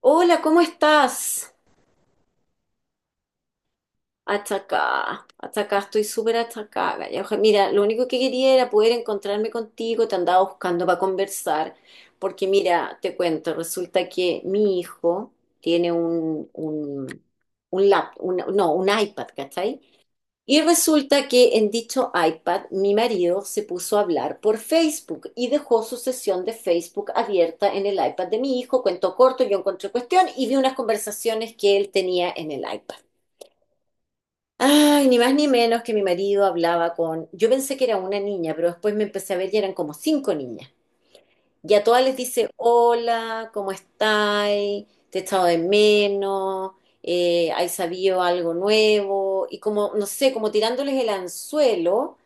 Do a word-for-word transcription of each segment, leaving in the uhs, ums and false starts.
Hola, ¿cómo estás? Achacá, achacá, estoy súper achacá, galla. Oja- Mira, lo único que quería era poder encontrarme contigo, te andaba buscando para conversar, porque mira, te cuento, resulta que mi hijo tiene un, un, un lap, un- no, un iPad, ¿cachai? Y resulta que en dicho iPad mi marido se puso a hablar por Facebook y dejó su sesión de Facebook abierta en el iPad de mi hijo. Cuento corto, yo encontré cuestión y vi unas conversaciones que él tenía en el iPad. Ay, ni más ni menos que mi marido hablaba con... Yo pensé que era una niña, pero después me empecé a ver y eran como cinco niñas. Y a todas les dice, hola, ¿cómo estáis? Te he echado de menos, eh, ¿hay sabido algo nuevo? Y como, no sé, como tirándoles el anzuelo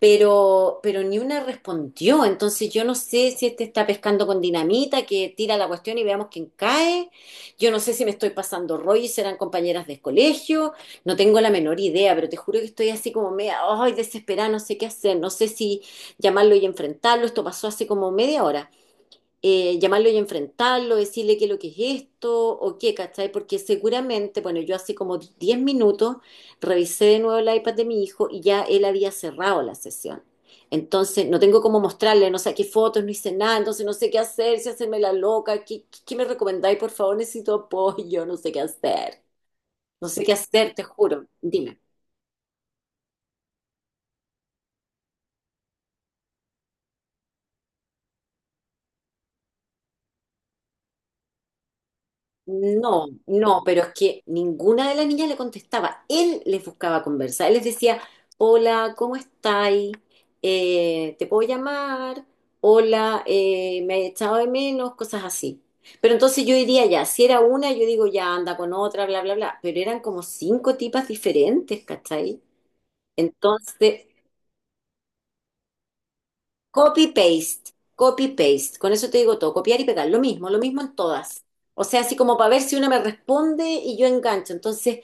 pero, pero ni una respondió. Entonces yo no sé si este está pescando con dinamita, que tira la cuestión y veamos quién cae. Yo no sé si me estoy pasando rollo y serán compañeras de colegio. No tengo la menor idea, pero te juro que estoy así como media, ay, desesperada, no sé qué hacer. No sé si llamarlo y enfrentarlo. Esto pasó hace como media hora, eh, llamarlo y enfrentarlo, decirle qué es lo que es esto o qué, ¿cachai? Porque seguramente, bueno, yo hace como diez minutos revisé de nuevo el iPad de mi hijo y ya él había cerrado la sesión. Entonces, no tengo cómo mostrarle, no sé qué fotos, no hice nada, entonces no sé qué hacer, si hacerme la loca, ¿qué, qué, qué me recomendáis? Por favor, necesito apoyo, no sé qué hacer. No sé qué hacer, te juro. Dime. No, no, pero es que ninguna de las niñas le contestaba. Él les buscaba conversa. Él les decía, hola, ¿cómo estáis? Eh, ¿te puedo llamar? Hola, eh, me he echado de menos, cosas así. Pero entonces yo diría ya, si era una, yo digo ya anda con otra, bla, bla, bla. Pero eran como cinco tipas diferentes, ¿cachai? Entonces, copy paste, copy paste. Con eso te digo todo, copiar y pegar, lo mismo, lo mismo en todas. O sea, así como para ver si una me responde y yo engancho. Entonces,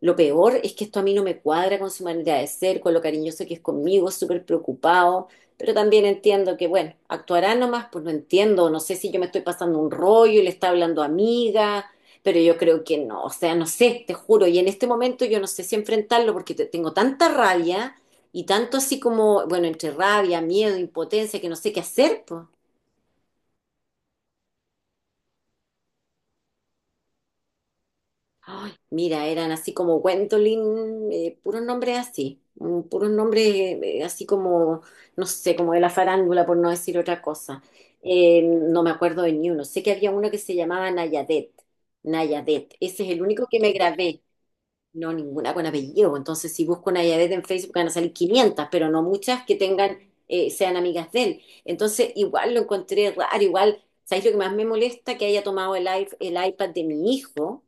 lo peor es que esto a mí no me cuadra con su manera de ser, con lo cariñoso que es conmigo, súper preocupado, pero también entiendo que, bueno, actuará nomás, pues no entiendo, no sé si yo me estoy pasando un rollo y le está hablando amiga, pero yo creo que no, o sea, no sé, te juro, y en este momento yo no sé si enfrentarlo porque te- tengo tanta rabia y tanto así como, bueno, entre rabia, miedo, impotencia, que no sé qué hacer, pues. Ay, mira, eran así como Gwendolyn, eh, puros nombres así, mm, puros nombres eh, así como, no sé, como de la farándula, por no decir otra cosa. Eh, no me acuerdo de ni uno. Sé que había uno que se llamaba Nayadet. Nayadet. Ese es el único que me grabé. No, ninguna con apellido, pues. Entonces, si busco una Yadet en Facebook, van a salir quinientas, pero no muchas que tengan, eh, sean amigas de él. Entonces, igual lo encontré raro, igual, ¿sabéis lo que más me molesta? Que haya tomado el, i- el iPad de mi hijo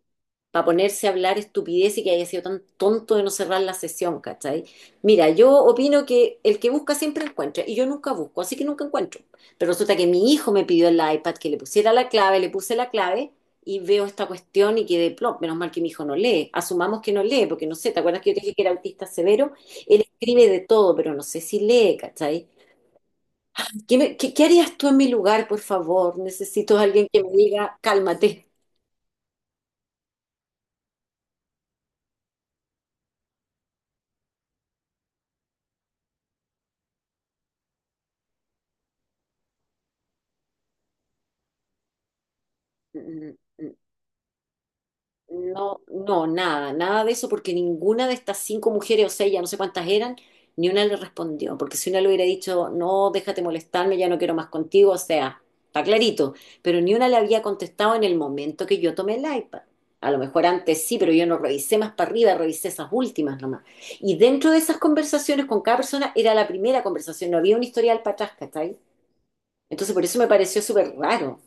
para ponerse a hablar estupidez y que haya sido tan tonto de no cerrar la sesión, ¿cachai? Mira, yo opino que el que busca siempre encuentra, y yo nunca busco, así que nunca encuentro. Pero resulta que mi hijo me pidió el iPad, que le pusiera la clave, le puse la clave, y veo esta cuestión y quedé plop, menos mal que mi hijo no lee. Asumamos que no lee, porque no sé, ¿te acuerdas que yo te dije que era autista severo? Él escribe de todo, pero no sé si lee, ¿cachai? ¿Qué, me- qué- qué harías tú en mi lugar, por favor? Necesito a alguien que me diga, cálmate. No, no, nada, nada de eso, porque ninguna de estas cinco mujeres, o sea, ya no sé cuántas eran, ni una le respondió, porque si una le hubiera dicho, no, déjate molestarme, ya no quiero más contigo, o sea, está clarito, pero ni una le había contestado en el momento que yo tomé el iPad. A lo mejor antes sí, pero yo no revisé más para arriba, revisé esas últimas nomás. Y dentro de esas conversaciones con cada persona era la primera conversación, no había un historial para atrás, ¿cachai? Entonces por eso me pareció súper raro.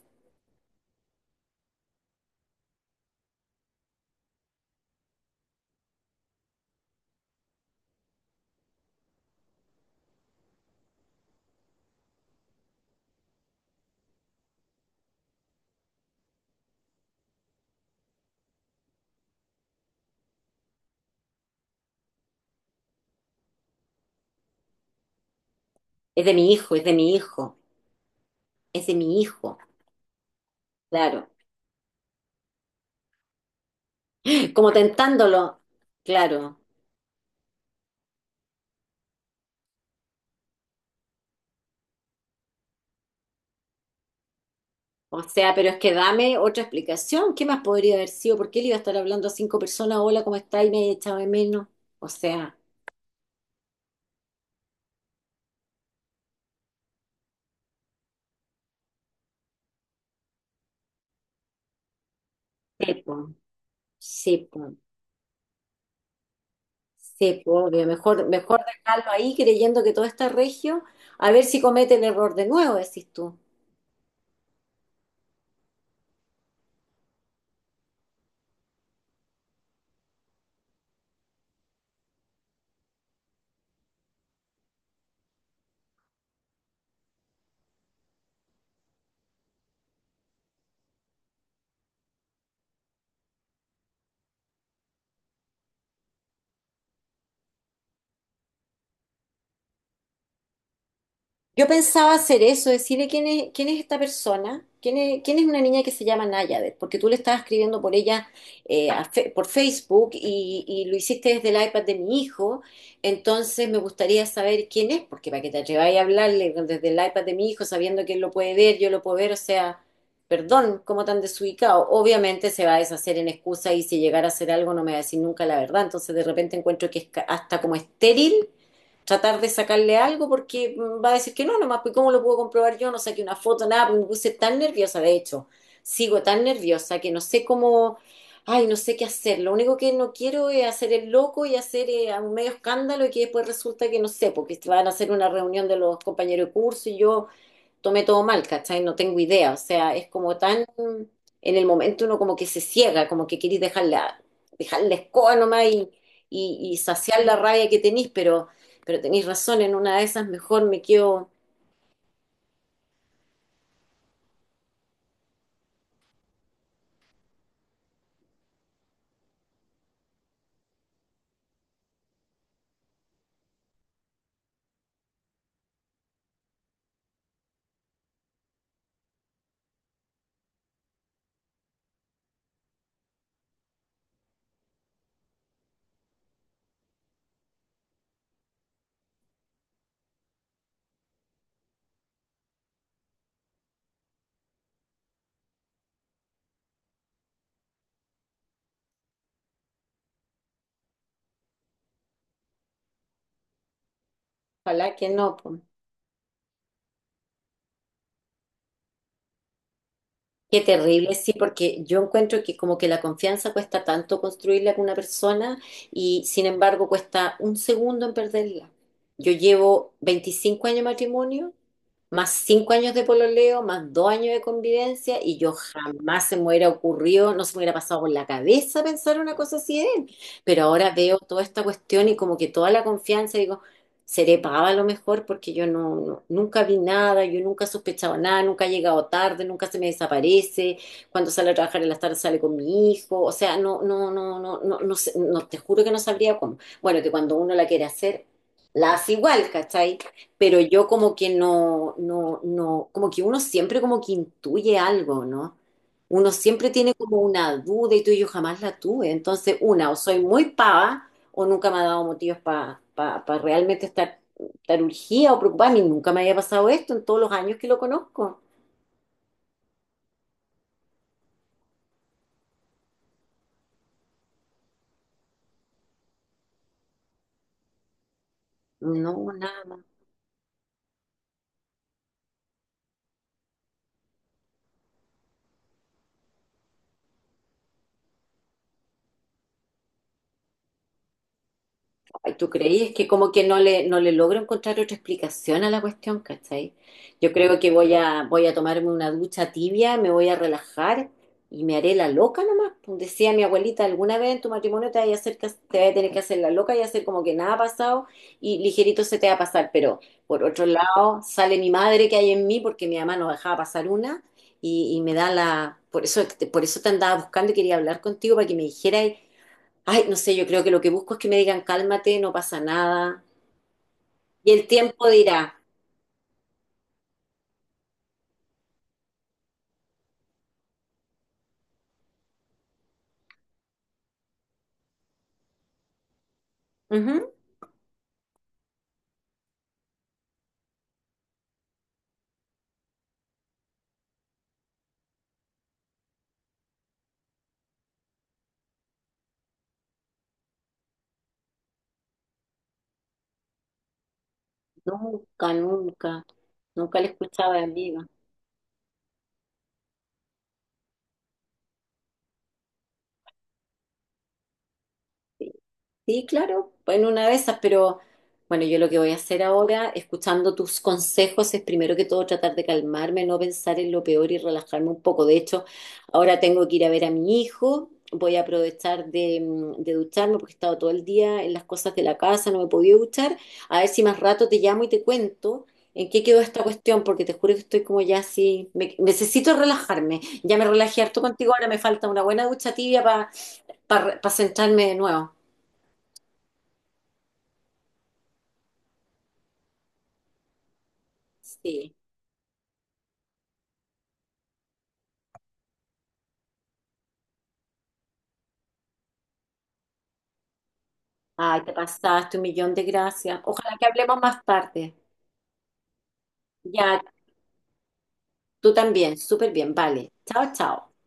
Es de mi hijo, es de mi hijo, es de mi hijo, claro. Como tentándolo, claro. O sea, pero es que dame otra explicación. ¿Qué más podría haber sido? ¿Por qué le iba a estar hablando a cinco personas? Hola, ¿cómo está? Y me he echado de menos. O sea, sepo, sepo, sepo, obvio. Mejor, mejor dejarlo ahí creyendo que todo está regio, a ver si comete el error de nuevo, decís tú. Yo pensaba hacer eso, decirle quién es, quién es esta persona, quién es, quién es una niña que se llama Nayadet, porque tú le estabas escribiendo por ella, eh, a fe- por Facebook y, y lo hiciste desde el iPad de mi hijo, entonces me gustaría saber quién es, porque para que te atreváis a hablarle desde el iPad de mi hijo sabiendo que él lo puede ver, yo lo puedo ver, o sea, perdón, cómo tan desubicado. Obviamente se va a deshacer en excusa y si llegara a hacer algo no me va a decir nunca la verdad, entonces de repente encuentro que es ca- hasta como estéril tratar de sacarle algo porque va a decir que no, nomás, pues ¿cómo lo puedo comprobar yo? No saqué una foto, nada, pues me puse tan nerviosa, de hecho, sigo tan nerviosa que no sé cómo, ay, no sé qué hacer, lo único que no quiero es hacer el loco y hacer eh, un medio escándalo y que después resulta que no sé, porque van a hacer una reunión de los compañeros de curso y yo tomé todo mal, ¿cachai? No tengo idea, o sea, es como tan, en el momento uno como que se ciega, como que querís dejar la, dejar la escoba nomás y, y, y saciar la rabia que tenís, pero, pero tenís razón, en una de esas mejor me quedo, ojalá que no, po. Qué terrible, sí, porque yo encuentro que como que la confianza cuesta tanto construirla con una persona y sin embargo cuesta un segundo en perderla. Yo llevo veinticinco años de matrimonio, más cinco años de pololeo, más dos años de convivencia y yo jamás se me hubiera ocurrido, no se me hubiera pasado por la cabeza pensar una cosa así de él. Pero ahora veo toda esta cuestión y como que toda la confianza, digo, seré pava a lo mejor porque yo no, no- nunca vi nada, yo nunca he sospechado nada, nunca he llegado tarde, nunca se me desaparece, cuando sale a trabajar en las tardes sale con mi hijo, o sea, no, no, no, no, no, no, sé, no, te juro que no sabría cómo. Bueno, que cuando uno la quiere hacer, la hace igual, ¿cachai? Pero yo como que no, no, no, como que uno siempre como que intuye algo, ¿no? Uno siempre tiene como una duda y tú y yo jamás la tuve. Entonces, una, o soy muy pava o nunca me ha dado motivos para realmente estar, estar urgida o preocupada. A mí nunca me había pasado esto en todos los años que lo conozco. No, nada. Ay, ¿tú creí? Es que como que no le, no le logro encontrar otra explicación a la cuestión, ¿cachai? Yo creo que voy a, voy a tomarme una ducha tibia, me voy a relajar y me haré la loca nomás. Pues decía mi abuelita, alguna vez en tu matrimonio te vas a hacer que- te vas a tener que hacer la loca y hacer como que nada ha pasado y ligerito se te va a pasar. Pero por otro lado, sale mi madre que hay en mí porque mi mamá no dejaba pasar una y, y me da la... Por eso, por eso te andaba buscando y quería hablar contigo para que me dijeras. Ay, no sé, yo creo que lo que busco es que me digan cálmate, no pasa nada. Y el tiempo dirá. Ujú. Nunca, nunca, nunca le escuchaba de mí. Sí, claro, pues, en una de esas, pero bueno, yo lo que voy a hacer ahora, escuchando tus consejos, es primero que todo tratar de calmarme, no pensar en lo peor y relajarme un poco. De hecho, ahora tengo que ir a ver a mi hijo, voy a aprovechar de, mm, de ducharme porque he estado todo el día en las cosas de la casa, no me he podido duchar. A ver si más rato te llamo y te cuento en qué quedó esta cuestión, porque te juro que estoy como ya así, me- necesito relajarme. Ya me relajé harto contigo, ahora me falta una buena ducha tibia para centrarme de nuevo. Sí. Ay, te pasaste un millón de gracias. Ojalá que hablemos más tarde. Ya, tú también. Súper bien. Vale. Chao, chao.